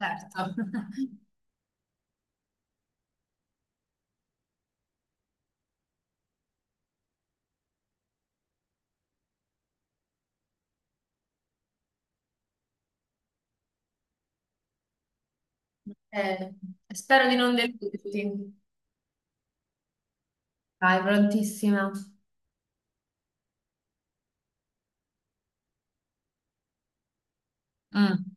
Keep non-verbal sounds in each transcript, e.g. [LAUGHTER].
Certo, [LAUGHS] Eh, spero di non deluderti. Vai, prontissima. Mm.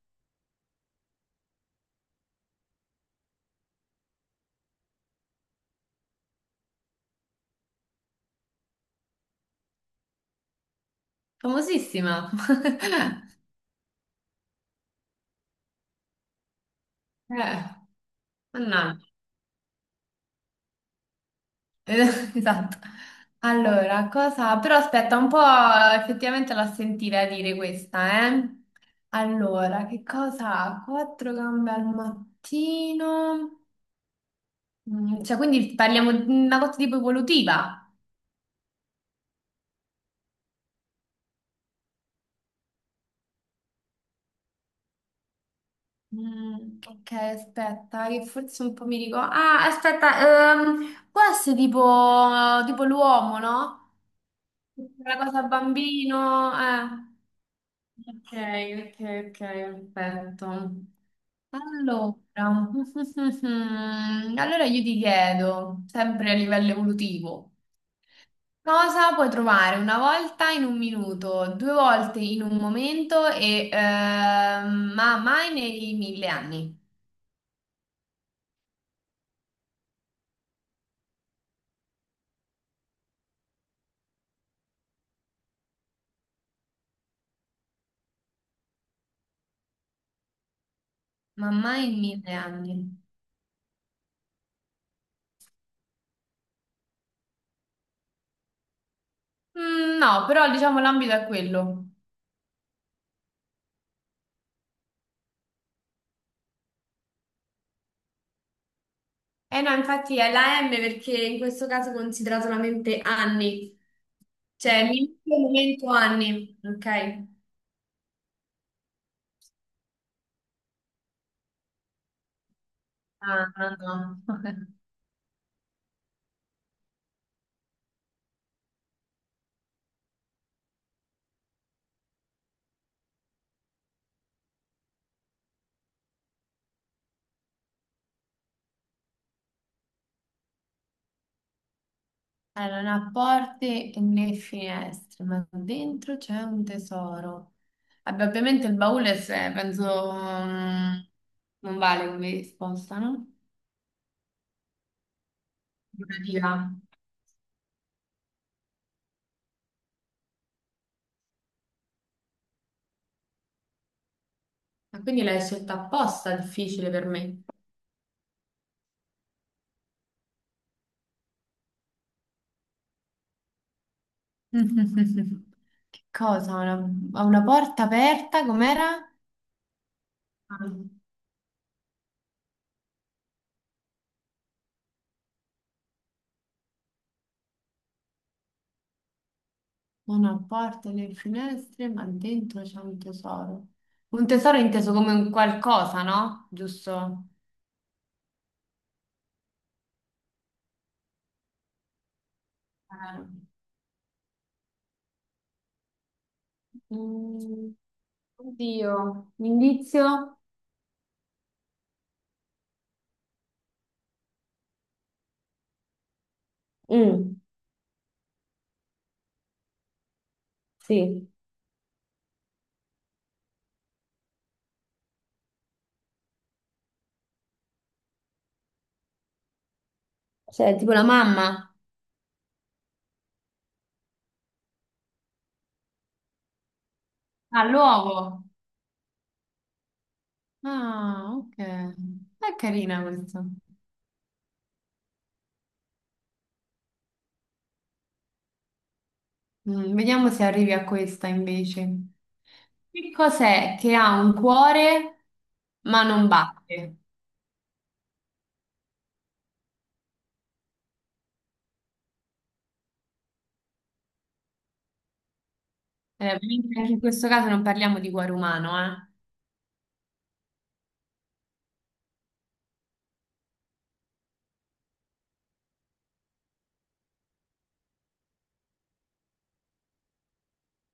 Famosissima. [LAUGHS] Eh, mannaggia. [LAUGHS] Esatto. Allora, però aspetta, un po' effettivamente l'ha sentita dire questa, eh? Allora, che cosa ha? Quattro gambe al mattino. Cioè, quindi parliamo di una cosa tipo evolutiva. Mm, ok, aspetta, che forse un po' mi ricordo. Ah, aspetta, può essere tipo, tipo l'uomo, no? La cosa bambino, eh. Ok, ok, ok, perfetto. Allora, [LAUGHS] allora io ti chiedo, sempre a livello evolutivo, cosa puoi trovare una volta in un minuto, due volte in un momento ma mai nei 1000 anni? Ma mai in 1000 anni. Mm, no, però diciamo l'ambito è quello. Eh no, infatti è la M perché in questo caso è considerato solamente anni, cioè minuto, momento, anni, ok? Ah, no, no. [LAUGHS] Allora, non ha porte né finestre, ma dentro c'è un tesoro. Vabbè, ovviamente il baule, penso, mm, non vale come risposta, no? Figurativa. Ma quindi l'hai scelta apposta, difficile per me. [LAUGHS] Che cosa? Ha una porta aperta, com'era? Ah, una porta nelle finestre, ma dentro c'è un tesoro. Un tesoro inteso come un qualcosa, no? Giusto? Ah. Mm, Oddio, un indizio? Mm, sì, cioè tipo la mamma. Ah, l'uovo. Ah, ok. È carina questa. Vediamo se arrivi a questa invece. Che cos'è che ha un cuore ma non batte? Ovviamente anche in questo caso non parliamo di cuore umano,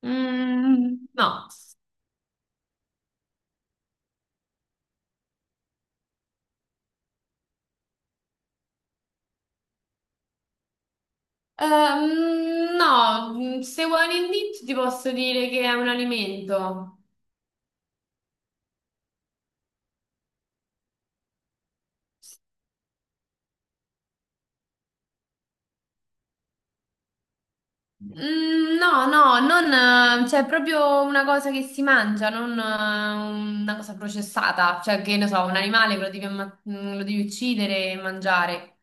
eh. Mm, no. No, se vuoi un indizio ti posso dire che è un alimento. Mm, no, no, non, cioè è proprio una cosa che si mangia, non una cosa processata. Cioè che, ne so, un animale che lo devi uccidere e mangiare.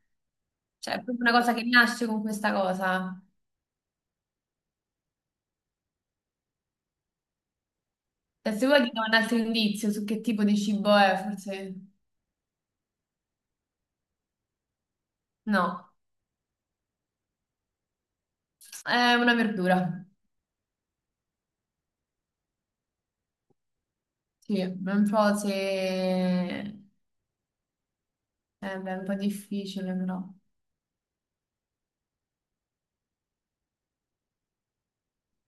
Cioè, è proprio una cosa che nasce con questa cosa. E se vuoi ti do un altro indizio su che tipo di cibo è, forse... No, è una verdura. Sì, è un po' se... eh, beh, è un po' difficile, però.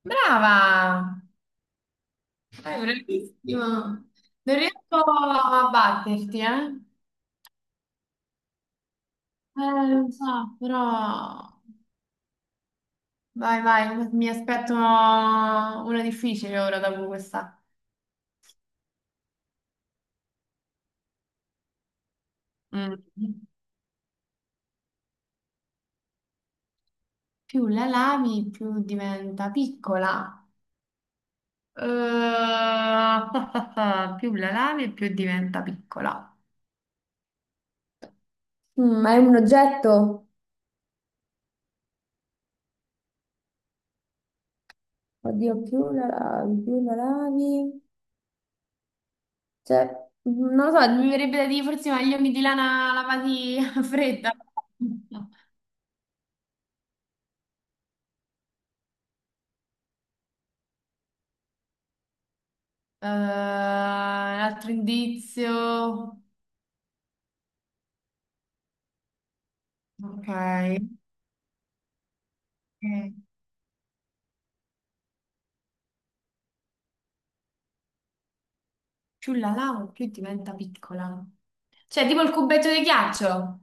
Brava! È bravissimo! Non riesco a batterti, eh? Lo so, però... Vai, vai, mi aspetto una difficile ora dopo questa. Mm. Più la lavi, più diventa piccola. [LAUGHS] Più la lavi e più diventa piccola. Ma è un oggetto? Oddio, più la lavi, più la lavi. Cioè, non lo so, mi verrebbe da dire forse i maglioni di lana lavati [LAUGHS] a fredda. Un altro indizio. Ok. Eh, Più la lavo, più diventa piccola. Cioè, tipo il cubetto di ghiaccio.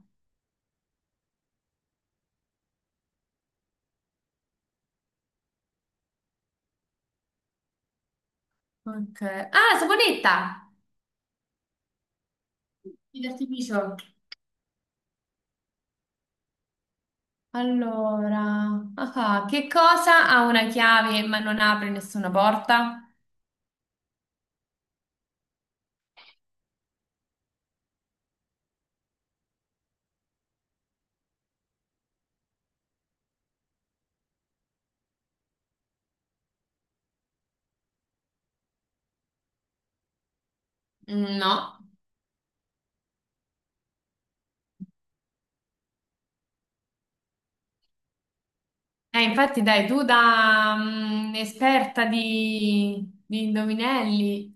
Ok. Ah, la saponetta! Di artificio. Allora, che cosa ha una chiave ma non apre nessuna porta? No. Infatti, dai, tu da esperta di indovinelli.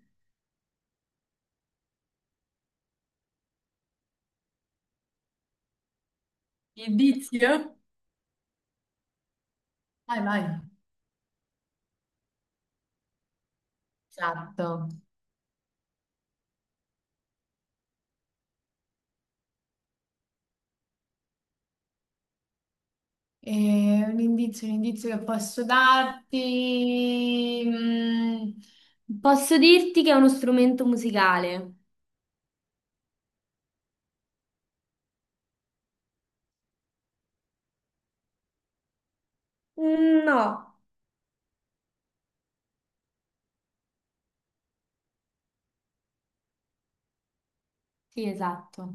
Indizio? Vai, vai. Esatto. Un indizio, un indizio che posso darti. Posso dirti che è uno strumento musicale? No. Sì, esatto.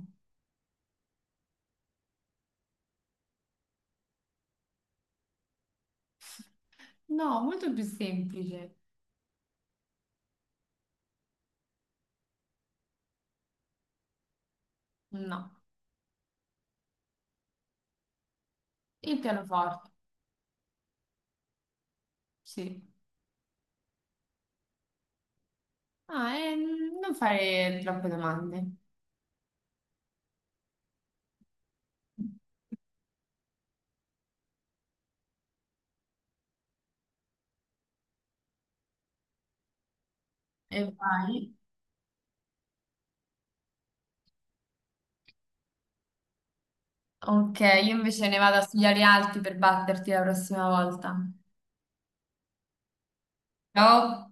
No, molto più semplice. No. Il pianoforte, sì. Ah, e non fare troppe domande. E vai. Ok, io invece ne vado a studiare altri per batterti la prossima volta. Ciao!